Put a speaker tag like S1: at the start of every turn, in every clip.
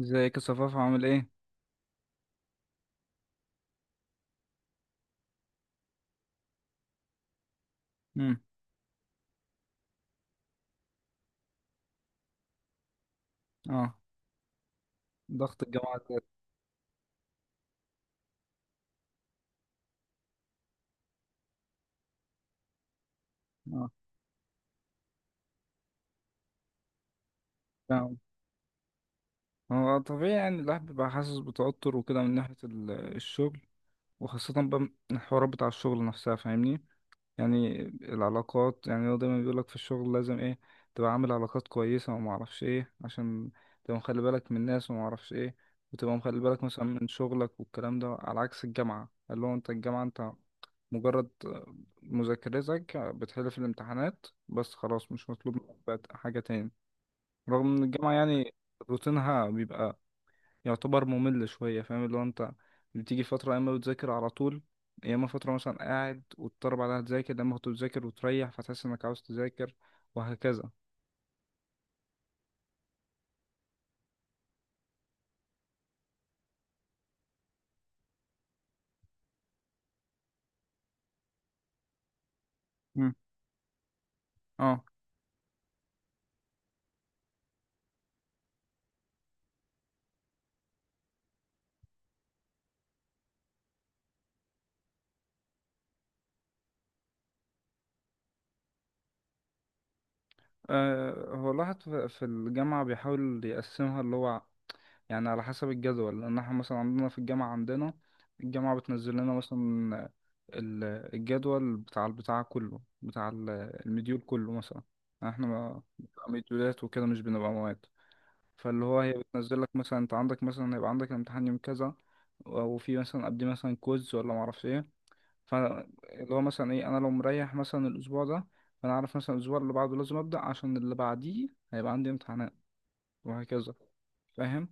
S1: ازيك يا صفاف، عامل ايه؟ امم اه، ضغط الجامعة زاد. اه، فاهم. هو طبيعي يعني الواحد بيبقى حاسس بتوتر وكده من ناحية الشغل، وخاصة بقى من الحوارات بتاع الشغل نفسها، فاهمني؟ يعني العلاقات، يعني هو دايما بيقولك في الشغل لازم ايه، تبقى عامل علاقات كويسة وما اعرفش ايه، عشان تبقى مخلي بالك من الناس وما اعرفش ايه، وتبقى مخلي بالك مثلا من شغلك والكلام ده، على عكس الجامعة اللي هو انت الجامعة انت مجرد مذاكرتك بتحل في الامتحانات بس، خلاص مش مطلوب منك بقى حاجة تاني. رغم ان الجامعة يعني روتينها بيبقى يعتبر ممل شوية، فاهم اللي هو انت بتيجي فترة يا اما بتذاكر على طول، يا اما فترة مثلا قاعد وتضطر بعدها تذاكر لما كنت بتذاكر وتريح فتحس انك عاوز تذاكر، وهكذا. مم. اه. أه، هو الواحد في الجامعة بيحاول يقسمها اللي هو يعني على حسب الجدول، لأن احنا مثلا عندنا في الجامعة عندنا الجامعة بتنزل لنا مثلا ال- الجدول بتاع البتاع كله، بتاع المديول كله مثلا. احنا بنبقى مديولات وكده، مش بنبقى مواد. فاللي هو هي بتنزل لك مثلا انت عندك، مثلا هيبقى عندك امتحان يوم كذا، وفي مثلا قبل مثلا كويز ولا معرفش ايه. فاللي هو مثلا ايه، انا لو مريح مثلا الاسبوع ده، فانا عارف مثلا الاسبوع اللي بعده لازم ابدا، عشان اللي بعديه هيبقى عندي امتحانات، وهكذا. فاهم.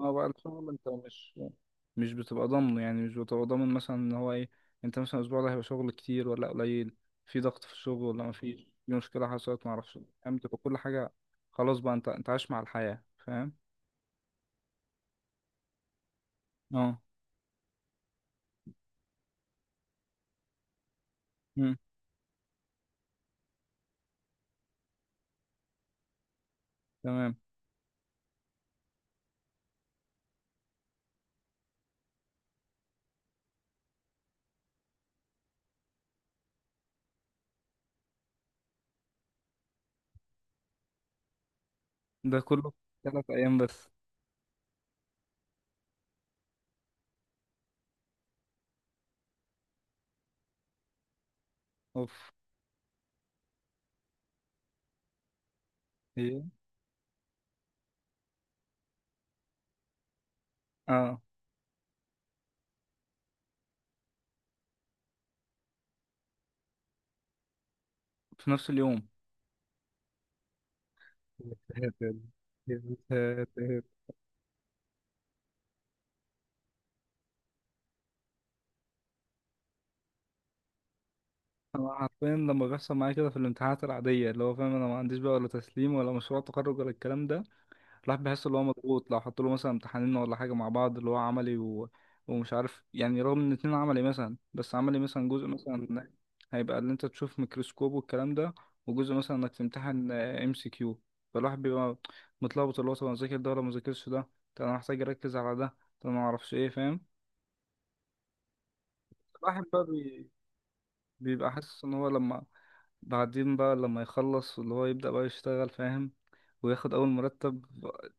S1: اه بقى الشغل انت مش مش بتبقى ضامنه، يعني مش بتبقى ضامن مثلا ان هو ايه، انت مثلا الاسبوع ده هيبقى شغل كتير ولا قليل، في ضغط في الشغل ولا مفيش، في مشكله حصلت معرفش، فاهم، تبقى كل حاجه خلاص بقى، انت انت عايش مع الحياه، فاهم. اه. مم. تمام. ده كله في ثلاث أيام بس؟ أوف. إيه. آه. في نفس اليوم. يا ساتر، يا ساتر. أنا حرفيا لما بيحصل معايا كده في الامتحانات العادية اللي هو، فاهم، أنا ما عنديش بقى ولا تسليم ولا مشروع تخرج ولا الكلام ده، الواحد بيحس اللي هو مضغوط. لو حط له مثلا امتحانين ولا حاجة مع بعض اللي هو عملي ومش عارف يعني، رغم ان اتنين عملي مثلا، بس عملي مثلا جزء مثلا هيبقى اللي انت تشوف ميكروسكوب والكلام ده، وجزء مثلا انك تمتحن ام سي كيو. فالواحد بيبقى متلخبط اللي هو، طب انا اذاكر ده ولا ما اذاكرش ده، طب انا محتاج اركز على ده، طب انا ما اعرفش ايه، فاهم. الواحد بقى بيبقى حاسس ان هو لما بعدين بقى، لما يخلص واللي هو يبدأ بقى يشتغل، فاهم، وياخد أول مرتب،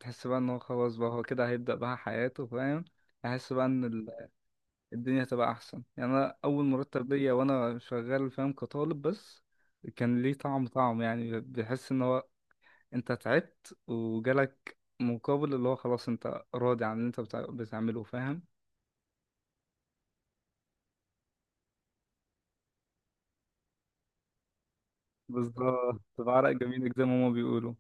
S1: تحس بقى إن هو خلاص بقى هو كده هيبدأ بقى حياته، فاهم. أحس بقى إن الدنيا هتبقى أحسن يعني. أنا أول مرتب ليا وأنا شغال، فاهم، كطالب بس، كان ليه طعم طعم يعني. بحس إن هو أنت تعبت وجالك مقابل اللي هو خلاص، أنت راضي عن اللي أنت بتعمله، فاهم. بالظبط، بعرق جميل زي ما هما بيقولوا.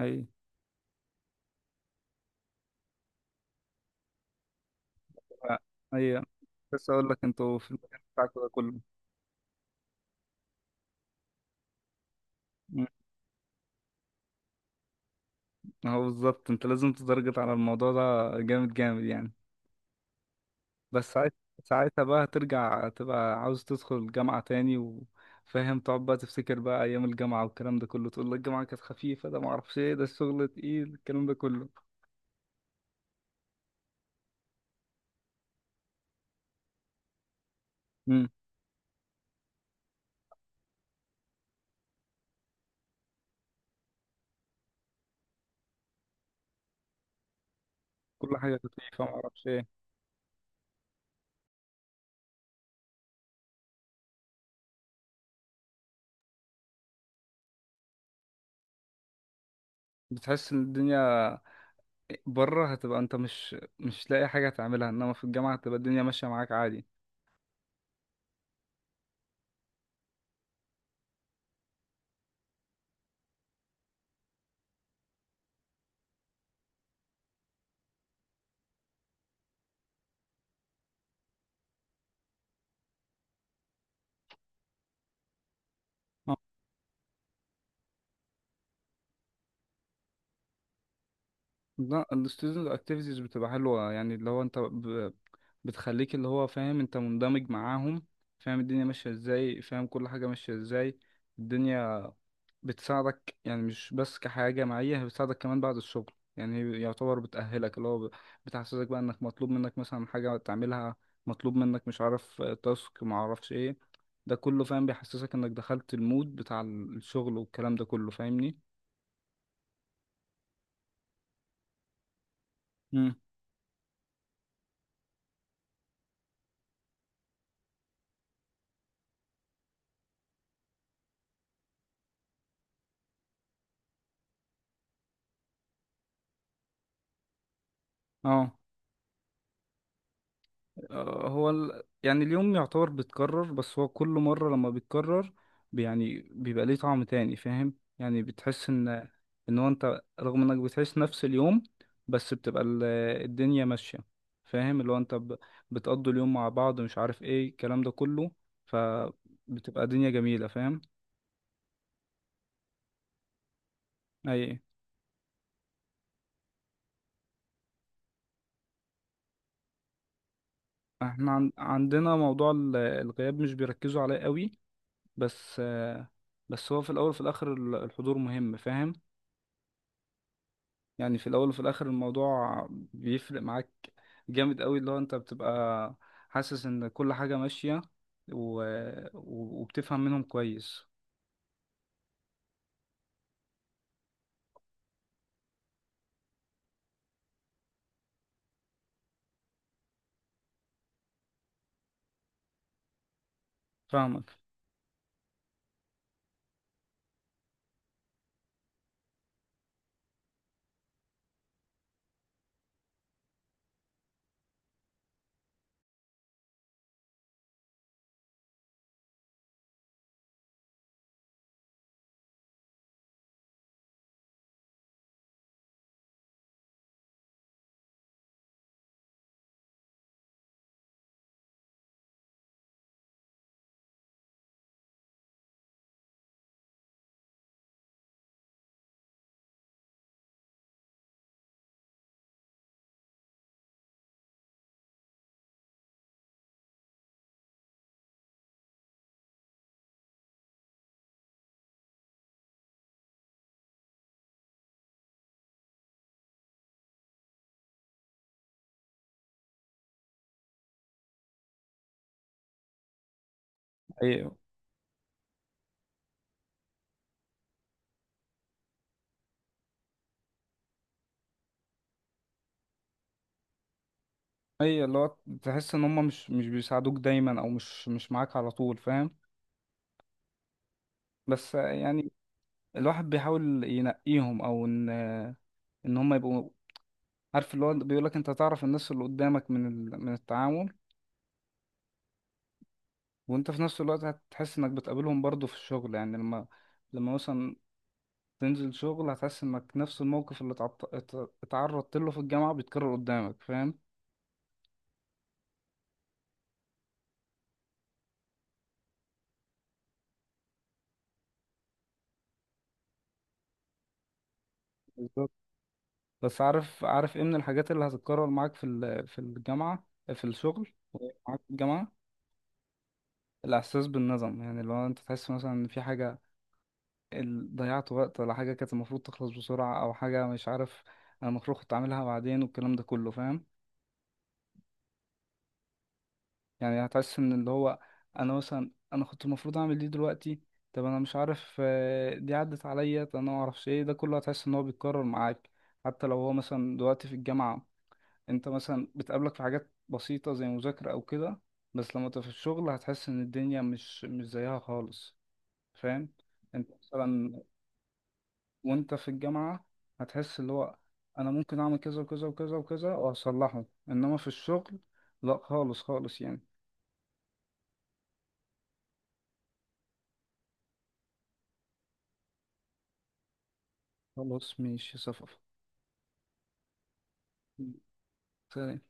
S1: أي. ف-. ايوه. بس اقول لك انتوا في المكان بتاعكوا ده كله. مم. اهو بالظبط، انت لازم تتارجت على الموضوع ده جامد جامد يعني. بس ساعت- ساعتها بقى ترجع تبقى عاوز تدخل الجامعة تاني، وفاهم تقعد بقى تفتكر بقى ايام الجامعة والكلام ده كله، تقول لك الجامعة كانت خفيفة، ده معرفش ايه، ده الشغل تقيل، الكلام ده كله. مم. كل حاجة خفيفة معرفش ايه. بتحس ان الدنيا بره هتبقى انت مش مش لاقي حاجة تعملها، انما في الجامعة هتبقى الدنيا ماشية معاك عادي. لا، ال student activities بتبقى حلوة، يعني اللي هو انت بتخليك اللي هو، فاهم انت مندمج معاهم، فاهم الدنيا ماشية ازاي، فاهم كل حاجة ماشية ازاي. الدنيا بتساعدك يعني، مش بس كحياة جامعية، هي بتساعدك كمان بعد الشغل. يعني هي يعتبر بتأهلك اللي هو بتحسسك بقى انك مطلوب منك مثلا حاجة تعملها، مطلوب منك مش عارف تاسك معرفش ايه، ده كله فاهم بيحسسك انك دخلت المود بتاع الشغل والكلام ده كله، فاهمني؟ مم. اه. هو يعني اليوم يعتبر بيتكرر، بس هو كل مرة لما بيتكرر يعني بيبقى ليه طعم تاني، فاهم يعني، بتحس ان هو انت رغم انك بتعيش نفس اليوم، بس بتبقى الدنيا ماشية، فاهم اللي هو انت بتقضوا اليوم مع بعض، مش عارف ايه الكلام ده كله، فبتبقى دنيا جميلة، فاهم. اي. احنا عندنا موضوع الغياب مش بيركزوا عليه قوي، بس آه، بس هو في الاول وفي الاخر الحضور مهم، فاهم يعني. في الاول وفي الاخر الموضوع بيفرق معاك جامد قوي، اللي هو انت بتبقى حاسس ان كل حاجة ماشية، و... و وبتفهم منهم كويس. فاهمك. ايوه، ايوه، اللي هو تحس ان هم مش مش بيساعدوك دايما، او مش مش معاك على طول، فاهم. بس يعني الواحد بيحاول ينقيهم، او ان ان هم يبقوا عارف، اللي هو بيقولك انت تعرف الناس اللي قدامك من من التعامل. وانت في نفس الوقت هتحس انك بتقابلهم برضو في الشغل، يعني لما مثلا تنزل شغل، هتحس انك نفس الموقف اللي اتعرضت له في الجامعة بيتكرر قدامك، فاهم. بالظبط. بس عارف عارف ايه من الحاجات اللي هتتكرر معاك في في الجامعة في الشغل، معاك في الجامعة، الإحساس بالندم، يعني لو أنت تحس مثلا إن في حاجة ضيعت وقت، ولا حاجة كانت المفروض تخلص بسرعة، أو حاجة مش عارف أنا المفروض كنت أعملها بعدين والكلام ده كله، فاهم. يعني هتحس من اللي هو انا كنت المفروض اعمل دي دلوقتي، طب انا مش عارف آه، دي عدت عليا، طب انا ما اعرفش ايه، ده كله هتحس ان هو بيتكرر معاك. حتى لو هو مثلا دلوقتي في الجامعة انت مثلا بتقابلك في حاجات بسيطة زي مذاكرة او كده، بس لما تبقى في الشغل هتحس ان الدنيا مش مش زيها خالص، فاهم. انت مثلا وانت في الجامعة هتحس اللي هو انا ممكن اعمل كذا وكذا وكذا وكذا واصلحه، انما في الشغل لا خالص خالص يعني. خلاص ماشي صفا. تمام.